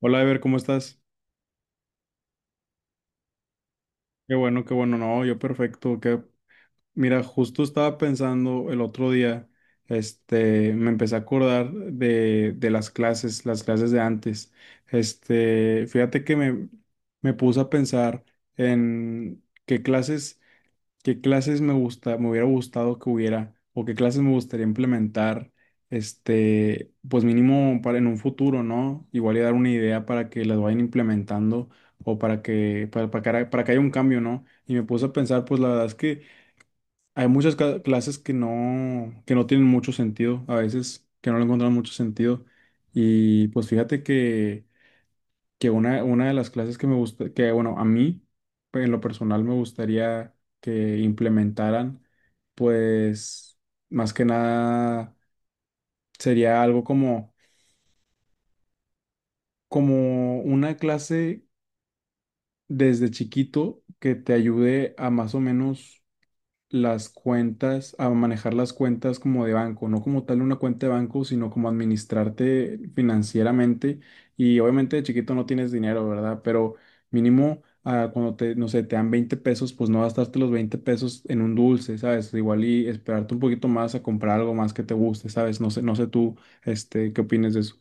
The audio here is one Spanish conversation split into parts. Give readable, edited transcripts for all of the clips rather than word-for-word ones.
Hola, Ever, ¿cómo estás? Qué bueno, no, yo perfecto. Que, mira, justo estaba pensando el otro día, me empecé a acordar de las clases, de antes. Fíjate que me puse a pensar en qué clases. ¿Qué clases me gusta, me hubiera gustado que hubiera, o qué clases me gustaría implementar, pues mínimo para en un futuro, ¿no? Igual y dar una idea para que las vayan implementando o para que haya un cambio, ¿no? Y me puse a pensar, pues la verdad es que hay muchas clases que no tienen mucho sentido, a veces que no le encuentran mucho sentido. Y pues fíjate que una de las clases que me gusta, que bueno, a mí pues, en lo personal me gustaría que implementaran, pues más que nada sería algo como una clase desde chiquito que te ayude a más o menos las cuentas, a manejar las cuentas como de banco, no como tal una cuenta de banco, sino como administrarte financieramente. Y obviamente de chiquito no tienes dinero, ¿verdad? Pero mínimo cuando te, no sé, te dan 20 pesos, pues no gastarte los 20 pesos en un dulce, ¿sabes? Igual y esperarte un poquito más a comprar algo más que te guste, ¿sabes? No sé tú, ¿qué opinas de eso?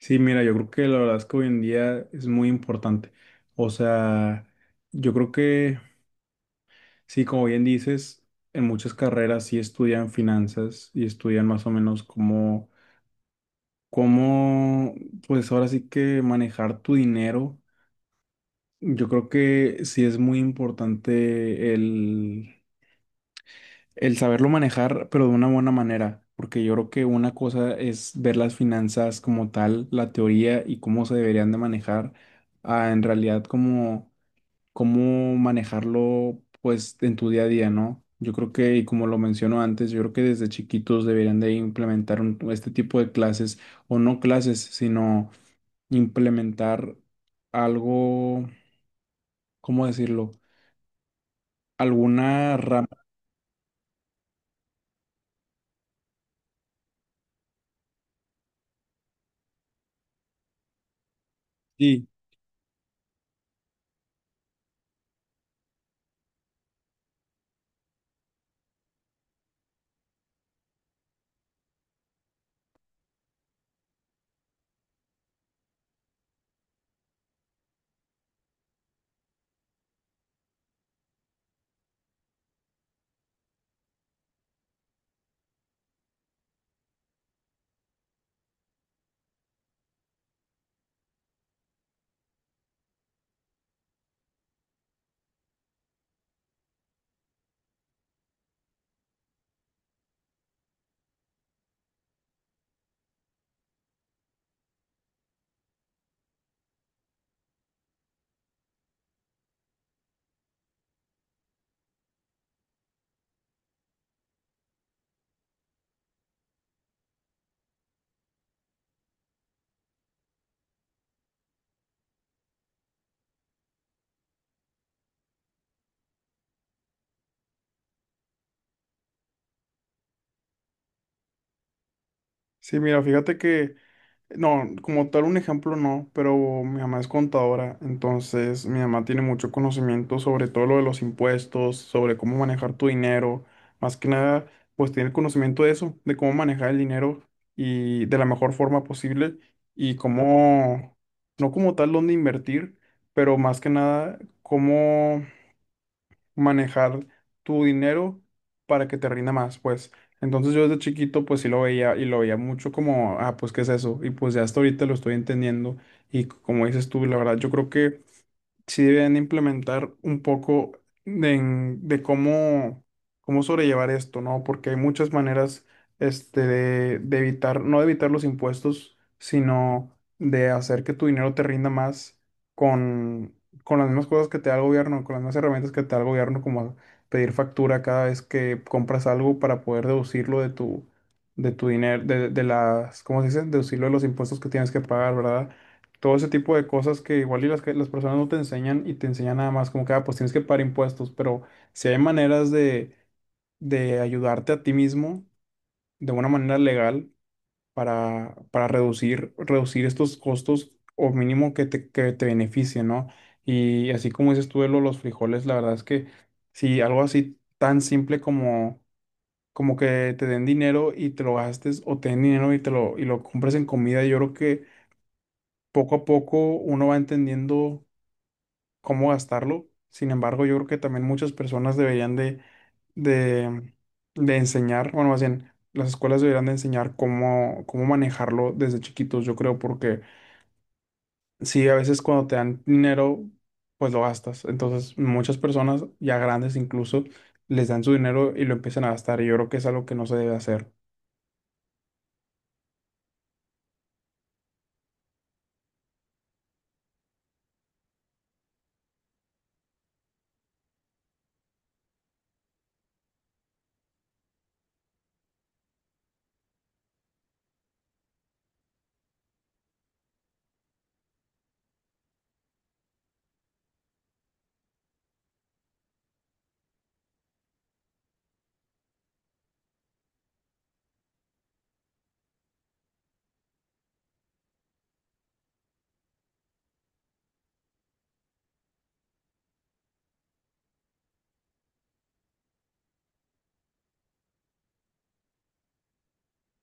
Sí, mira, yo creo que la verdad es que hoy en día es muy importante. O sea, yo creo que sí, como bien dices, en muchas carreras sí estudian finanzas y estudian más o menos cómo, pues ahora sí que manejar tu dinero. Yo creo que sí es muy importante el saberlo manejar, pero de una buena manera, porque yo creo que una cosa es ver las finanzas como tal, la teoría y cómo se deberían de manejar, a en realidad como cómo manejarlo pues en tu día a día, ¿no? Yo creo que, y como lo menciono antes, yo creo que desde chiquitos deberían de implementar este tipo de clases, o no clases, sino implementar algo, ¿cómo decirlo? Alguna rama. Sí, sí, mira, fíjate que, no, como tal un ejemplo no, pero mi mamá es contadora, entonces mi mamá tiene mucho conocimiento sobre todo lo de los impuestos, sobre cómo manejar tu dinero. Más que nada, pues tiene conocimiento de eso, de cómo manejar el dinero y de la mejor forma posible, y cómo, no como tal dónde invertir, pero más que nada, cómo manejar tu dinero para que te rinda más, pues. Entonces yo desde chiquito pues sí lo veía, y lo veía mucho como, pues ¿qué es eso? Y pues ya hasta ahorita lo estoy entendiendo y, como dices tú, la verdad yo creo que sí deben implementar un poco de cómo sobrellevar esto, ¿no? Porque hay muchas maneras, de evitar, no de evitar los impuestos, sino de hacer que tu dinero te rinda más con, con las mismas cosas que te da el gobierno, con las mismas herramientas que te da el gobierno, como pedir factura cada vez que compras algo para poder deducirlo de tu dinero, ¿cómo se dice? Deducirlo de los impuestos que tienes que pagar, ¿verdad? Todo ese tipo de cosas que igual y que las personas no te enseñan, y te enseñan nada más como que, pues tienes que pagar impuestos, pero si hay maneras de ayudarte a ti mismo de una manera legal para reducir estos costos, o mínimo que te beneficien, ¿no? Y así como dices tú de los frijoles, la verdad es que si algo así tan simple como que te den dinero y te lo gastes, o te den dinero y y lo compres en comida, yo creo que poco a poco uno va entendiendo cómo gastarlo. Sin embargo, yo creo que también muchas personas deberían de, de enseñar, bueno, más bien, las escuelas deberían de enseñar cómo manejarlo desde chiquitos, yo creo, porque sí, a veces cuando te dan dinero, pues lo gastas. Entonces, muchas personas, ya grandes incluso, les dan su dinero y lo empiezan a gastar. Y yo creo que es algo que no se debe hacer.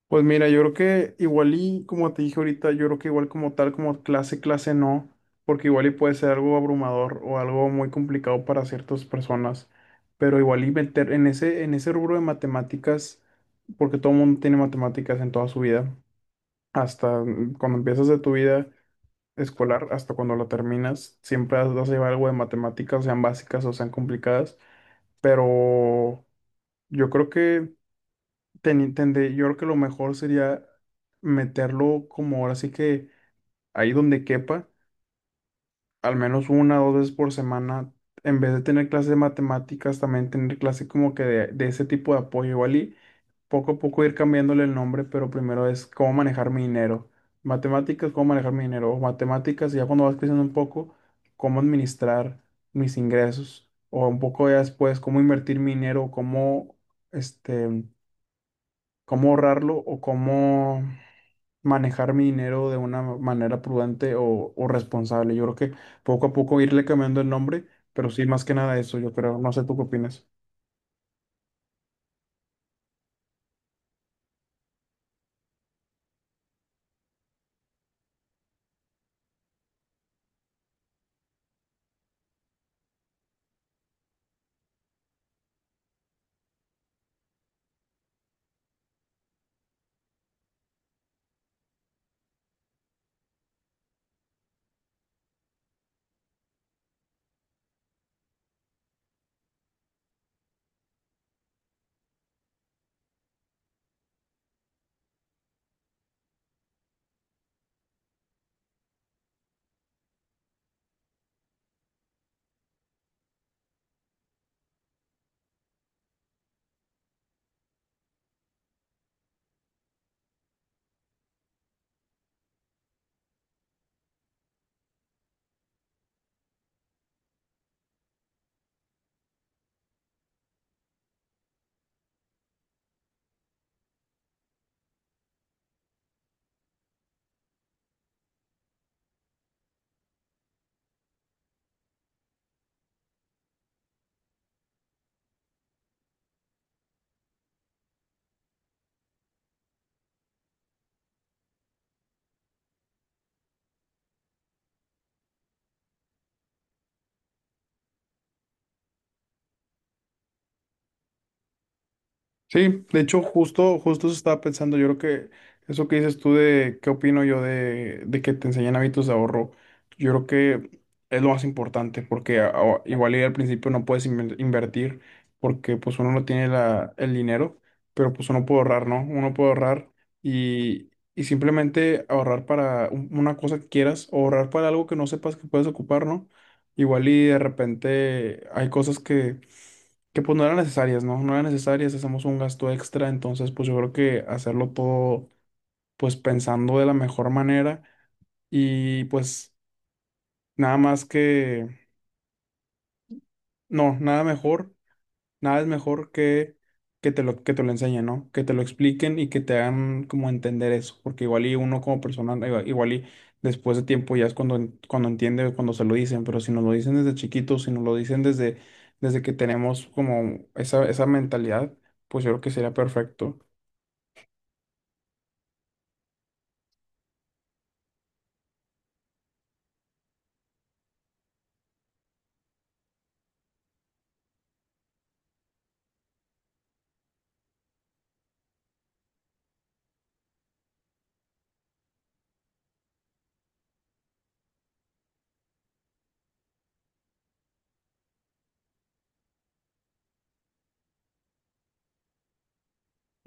Pues mira, yo creo que igual y como te dije ahorita, yo creo que igual como tal, como clase, clase no, porque igual y puede ser algo abrumador o algo muy complicado para ciertas personas, pero igual y meter en ese rubro de matemáticas, porque todo el mundo tiene matemáticas en toda su vida, hasta cuando empiezas de tu vida escolar, hasta cuando la terminas, siempre vas a llevar algo de matemáticas, sean básicas o sean complicadas. Pero yo creo que lo mejor sería meterlo como ahora sí que ahí donde quepa, al menos una o dos veces por semana, en vez de tener clases de matemáticas, también tener clases como que de ese tipo de apoyo, igual y poco a poco ir cambiándole el nombre. Pero primero es cómo manejar mi dinero, matemáticas, cómo manejar mi dinero, o matemáticas, y ya cuando vas creciendo un poco, cómo administrar mis ingresos, o un poco ya después, cómo invertir mi dinero, este cómo ahorrarlo, o cómo manejar mi dinero de una manera prudente o responsable. Yo creo que poco a poco irle cambiando el nombre, pero sí, más que nada eso, yo creo. No sé tú qué opinas. Sí, de hecho, justo eso estaba pensando. Yo creo que eso que dices tú, de qué opino yo de que te enseñan hábitos de ahorro, yo creo que es lo más importante, porque igual y al principio no puedes invertir, porque pues uno no tiene el dinero, pero pues uno puede ahorrar, ¿no? Uno puede ahorrar y, y simplemente ahorrar para una cosa que quieras, o ahorrar para algo que no sepas que puedes ocupar, ¿no? Igual y de repente hay cosas que pues no eran necesarias, ¿no? No eran necesarias, hacemos un gasto extra, entonces pues yo creo que hacerlo todo pues pensando de la mejor manera, y pues nada más que, no, nada mejor, nada es mejor que te lo enseñen, ¿no? Que te lo expliquen y que te hagan como entender eso, porque igual y uno como persona, igual y después de tiempo ya es cuando, cuando entiende, cuando se lo dicen. Pero si nos lo dicen desde chiquitos, si nos lo dicen desde que tenemos como esa mentalidad, pues yo creo que sería perfecto.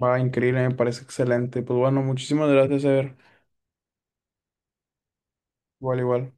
Va, increíble, me parece excelente. Pues bueno, muchísimas gracias, Ever. Igual, igual.